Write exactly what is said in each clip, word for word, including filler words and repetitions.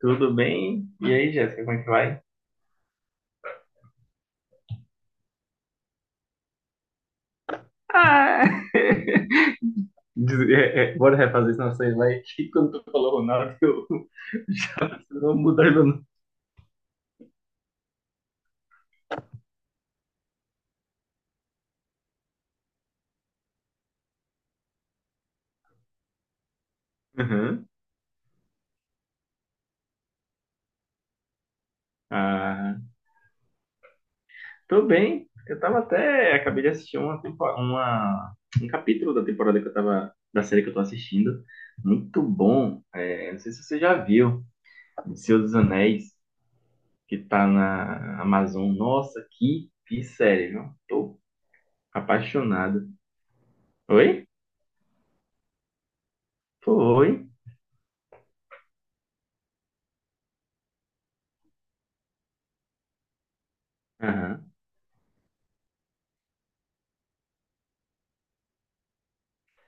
Tudo bem? E aí, Jéssica, como é que vai? Ah, Diz- é, é, bora refazer senão você vai que quando tu falou Ronaldo, eu eu vou mudar meu nome. Uhum. Ah, Tô bem. Eu tava até. Acabei de assistir uma, tempo- uma- um capítulo da temporada que eu tava. Da série que eu tô assistindo. Muito bom. É, não sei se você já viu. O Senhor dos Anéis, que tá na Amazon. Nossa, que, que série, viu? Tô apaixonado. Oi? Foi. Aham.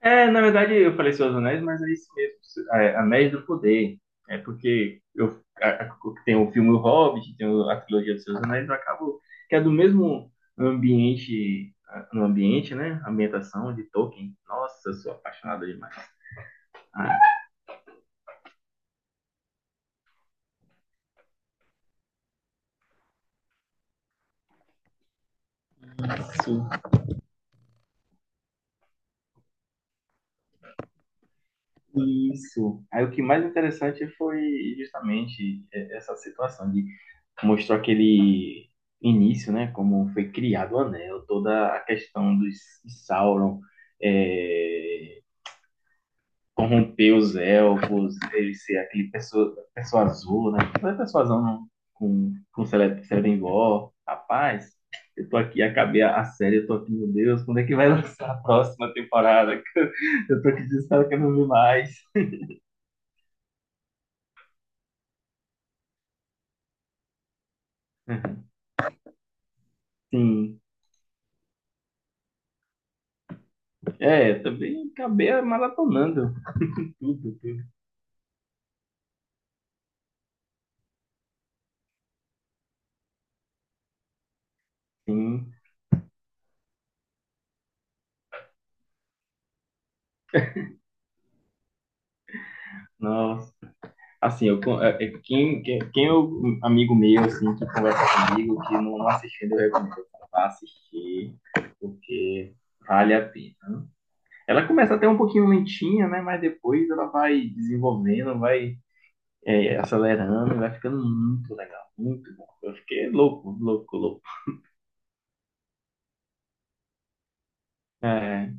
É, na verdade, eu falei Seus Anéis, mas é isso mesmo, é, Anéis do Poder. É porque eu a- a- tem o filme O Hobbit, tem o- a trilogia dos Seus Anéis, eu acabo que é do mesmo ambiente, ah, no ambiente, né? Ambientação de Tolkien. Nossa, eu sou apaixonado demais. Ah, Isso. Aí o que mais interessante foi justamente é, essa situação de mostrou aquele início, né? Como foi criado o Anel, toda a questão dos de Sauron é, corromper os elfos, ele ser aquele pessoa, pessoa azul, né? Aquela pessoa azul com, com Cele- Celebrimbor. Rapaz, eu tô aqui, acabei a a série, eu tô aqui, meu Deus, quando é que vai lançar a próxima temporada? Eu tô aqui desesperado que eu não vi mais. Sim, é, também acabei maratonando tudo, tudo. Sim, nossa. Assim, eu, con- é- é quem, quem, quem é o amigo meu, assim, que conversa comigo, que não, não assistiu, eu recomendo pra assistir, porque vale a pena. Ela começa até um pouquinho lentinha, né, mas depois ela vai desenvolvendo, vai é, acelerando, e vai ficando muito legal, muito bom. Eu fiquei louco, louco, louco. É.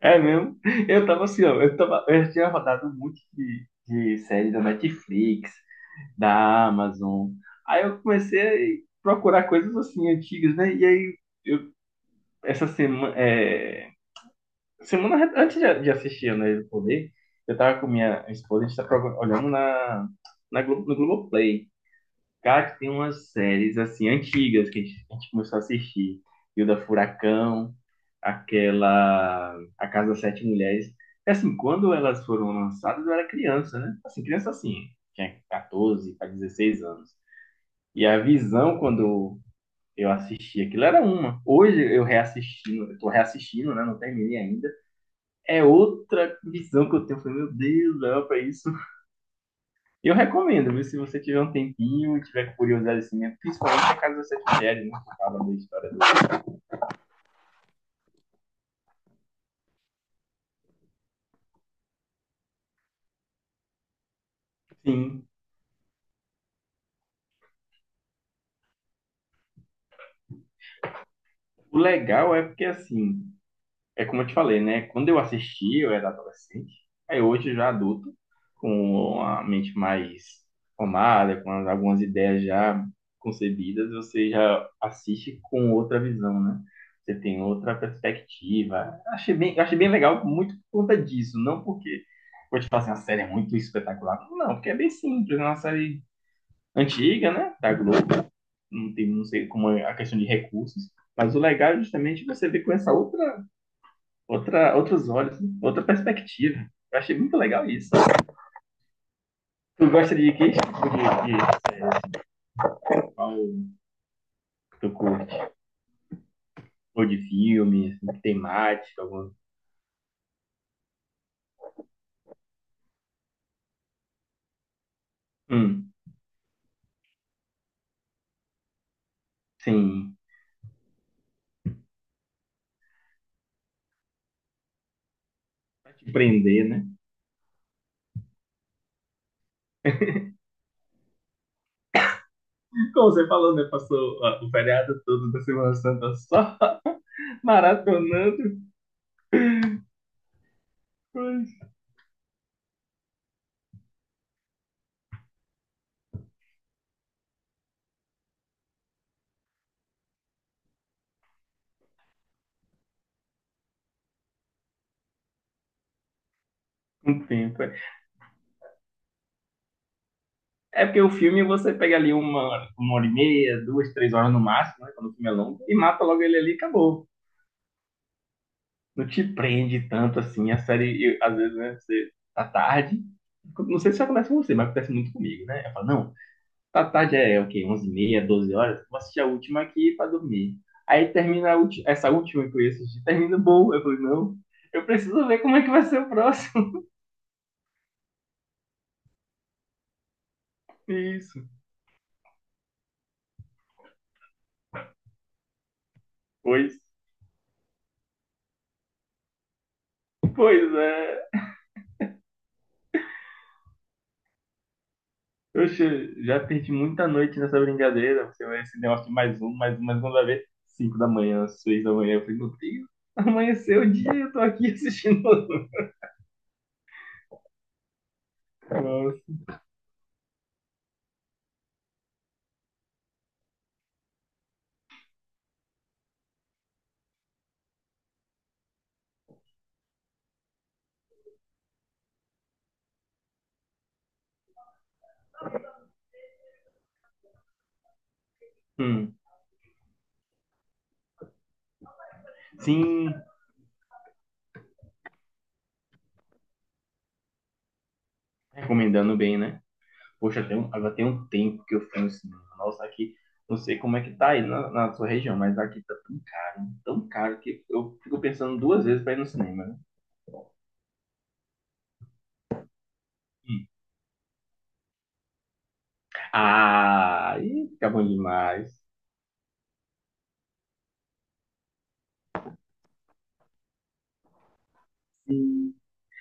É mesmo? Eu tava assim, ó, eu tava, eu já tinha rodado um monte de, de série da Netflix, da Amazon. Aí eu comecei a procurar coisas assim antigas, né? E aí eu, essa semana, semana re- antes de, de assistir né, o Poder, eu tava com minha esposa, a gente tá procu- olhando na, na Glo- no Globoplay. Cara, que tem umas séries assim antigas que a gente, a gente começou a assistir. E o da Furacão aquela A Casa das Sete Mulheres. É assim, quando elas foram lançadas, eu era criança, né? Assim, criança assim, tinha catorze para dezesseis anos. E a visão, quando eu assisti aquilo, era uma. Hoje eu reassistindo, eu tô reassistindo, né? Não terminei ainda. É outra visão que eu tenho. Eu falei, meu Deus, dava pra isso. Eu recomendo, viu? Se você tiver um tempinho e tiver curiosidade assim, mesmo, principalmente a Casa das Sete Mulheres, né? Que fala da história do. Sim. O legal é porque assim é como eu te falei, né? Quando eu assisti, eu era adolescente. Aí hoje, já adulto, com a mente mais formada, com as- algumas ideias já concebidas, você já assiste com outra visão, né? Você tem outra perspectiva. Achei bem, achei bem legal, muito por conta disso. Não porque, vou te falar assim, a série é muito espetacular. Não, porque é bem simples. É uma série antiga, né? Da Globo. Não tem, não sei como é a questão de recursos. Mas o legal é justamente você ver com essa outra outra, outros olhos, outra perspectiva. Eu achei muito legal isso. Tu gosta de que tipo de, de série? Qual tu curte? Ou de filme, assim, temática, alguma. Hum, sim. Pra te prender, né? Como você falou, né? Passou ó, o feriado todo da Semana Santa só maratonando coisas. Um tempo. É. É porque o filme você pega ali uma, uma hora e meia, duas, três horas no máximo, né? Quando o filme é longo, e mata logo ele ali e acabou. Não te prende tanto assim. A série, eu- às vezes, né, você tá tarde. Não sei se acontece com você, mas acontece muito comigo, né? Eu falo, não, tá tarde é é o quê? Onze e meia, doze horas? Vou assistir a última aqui pra dormir. Aí termina a ulti- essa última que eu ia assistir, termina boa. Eu falei, não, eu preciso ver como é que vai ser o próximo. Isso. Pois, pois é. Oxe, já perdi muita noite nessa brincadeira. Você vai esse negócio de mais um, mais um, mais um, vai ver. Cinco da manhã, seis da manhã. Eu falei, meu Deus, amanheceu o dia e eu tô aqui assistindo. Nossa. Hum, Sim, recomendando bem, né? Poxa, tem um, agora tem um tempo que eu fui no cinema. Nossa, aqui, não sei como é que tá aí na, na sua região, mas aqui tá tão caro, tão caro que eu fico pensando duas vezes pra ir no cinema, né? Hum. Ah, e fica bom demais.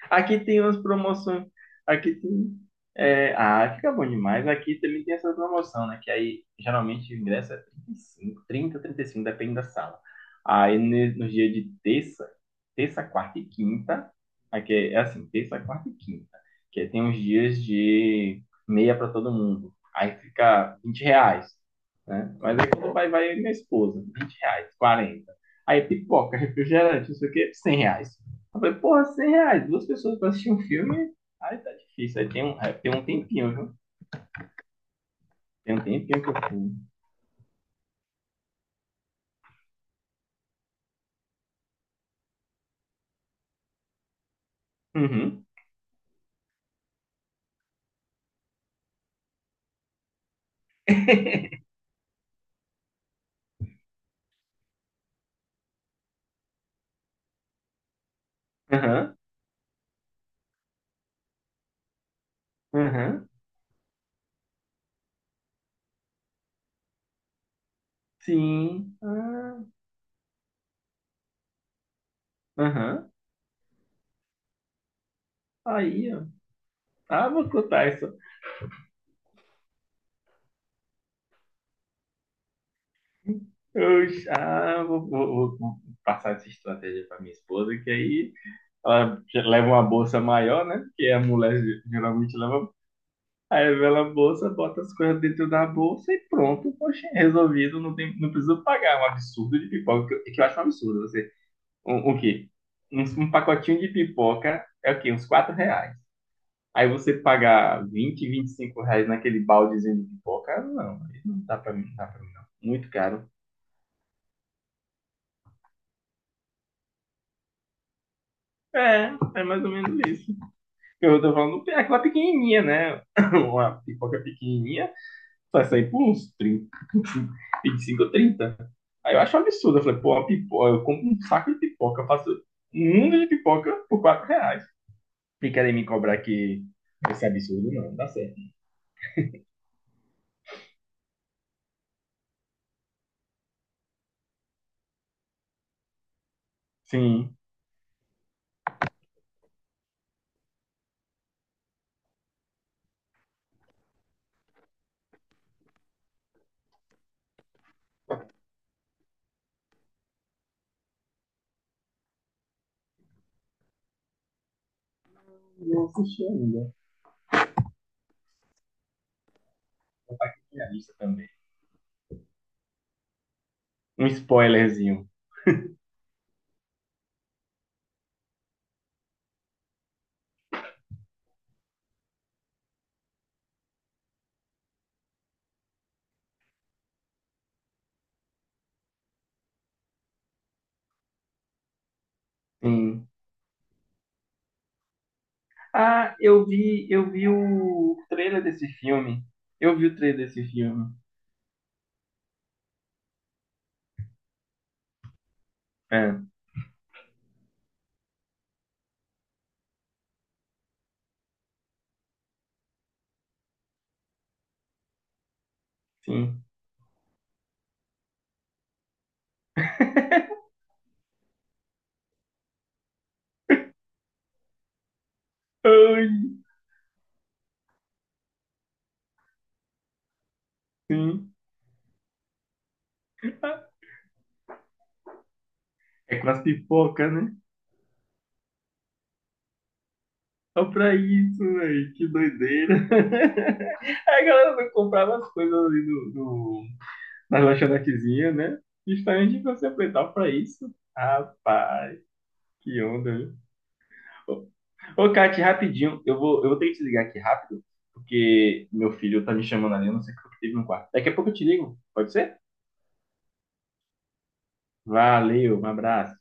Aqui tem umas promoções. Aqui tem. É, ah, fica bom demais. Aqui também tem essa promoção, né? Que aí geralmente o ingresso é trinta, e cinco, trinta trinta e cinco, depende da sala. Aí ne- nos dias de terça, terça, quarta e quinta, aqui é, é assim, terça, quarta e quinta, que aí tem uns dias de meia para todo mundo. Aí fica vinte reais, né? Mas aí quando vai, vai minha esposa, vinte reais, quarenta. Aí pipoca, refrigerante, não sei o quê, cem reais. Eu falei, porra, cem reais, duas pessoas pra assistir um filme, aí tá difícil, aí tem um, aí tem um tempinho, viu? Tem um tempinho que eu fui. Uhum, aham, aham, sim, ah, aham, aí, ó. Ah, vou contar isso. Eu, já- ah, vou, vou- vou- Vou passar essa estratégia pra minha esposa, que aí ela já leva uma bolsa maior, né? Porque a mulher geralmente leva. Aí revela a bolsa, bota as coisas dentro da bolsa e pronto. Poxa, resolvido, não, tem, não precisa pagar. É um absurdo de pipoca, que eu, que eu acho um absurdo. Você, um, o quê? Um, um pacotinho de pipoca é o quê? Uns quatro reais. Aí você pagar vinte vinte e cinco reais naquele baldezinho de pipoca, não, aí não dá pra mim, não dá pra mim, não. Muito caro. É, é mais ou menos isso. Eu tô falando é aquela pequenininha, né? Uma pipoca pequenininha vai sair por uns vinte e cinco ou trinta. Aí eu acho um absurdo. Eu falei, pô, a pipoca, eu compro um saco de pipoca, eu faço um mundo de pipoca por quatro reais. E querem me cobrar que esse absurdo não, não dá certo. Sim. Não assisti ainda. Minha lista também. Um spoilerzinho. Sim. Ah, eu vi, eu vi o trailer desse filme. Eu vi o trailer desse filme. É, sim. Ai, sim. É com as pipocas, né? Só pra isso, velho. Que doideira. Aí a galera não comprava as coisas ali do, do, na lanchonetezinha, né? Justamente pra se aproveitar pra isso. Rapaz, que onda, viu? Ô, ô, Kati, rapidinho, eu vou, eu vou ter que te ligar aqui rápido, porque meu filho tá me chamando ali, eu não sei o que teve no quarto. Daqui a pouco eu te ligo, pode ser? Valeu, um abraço.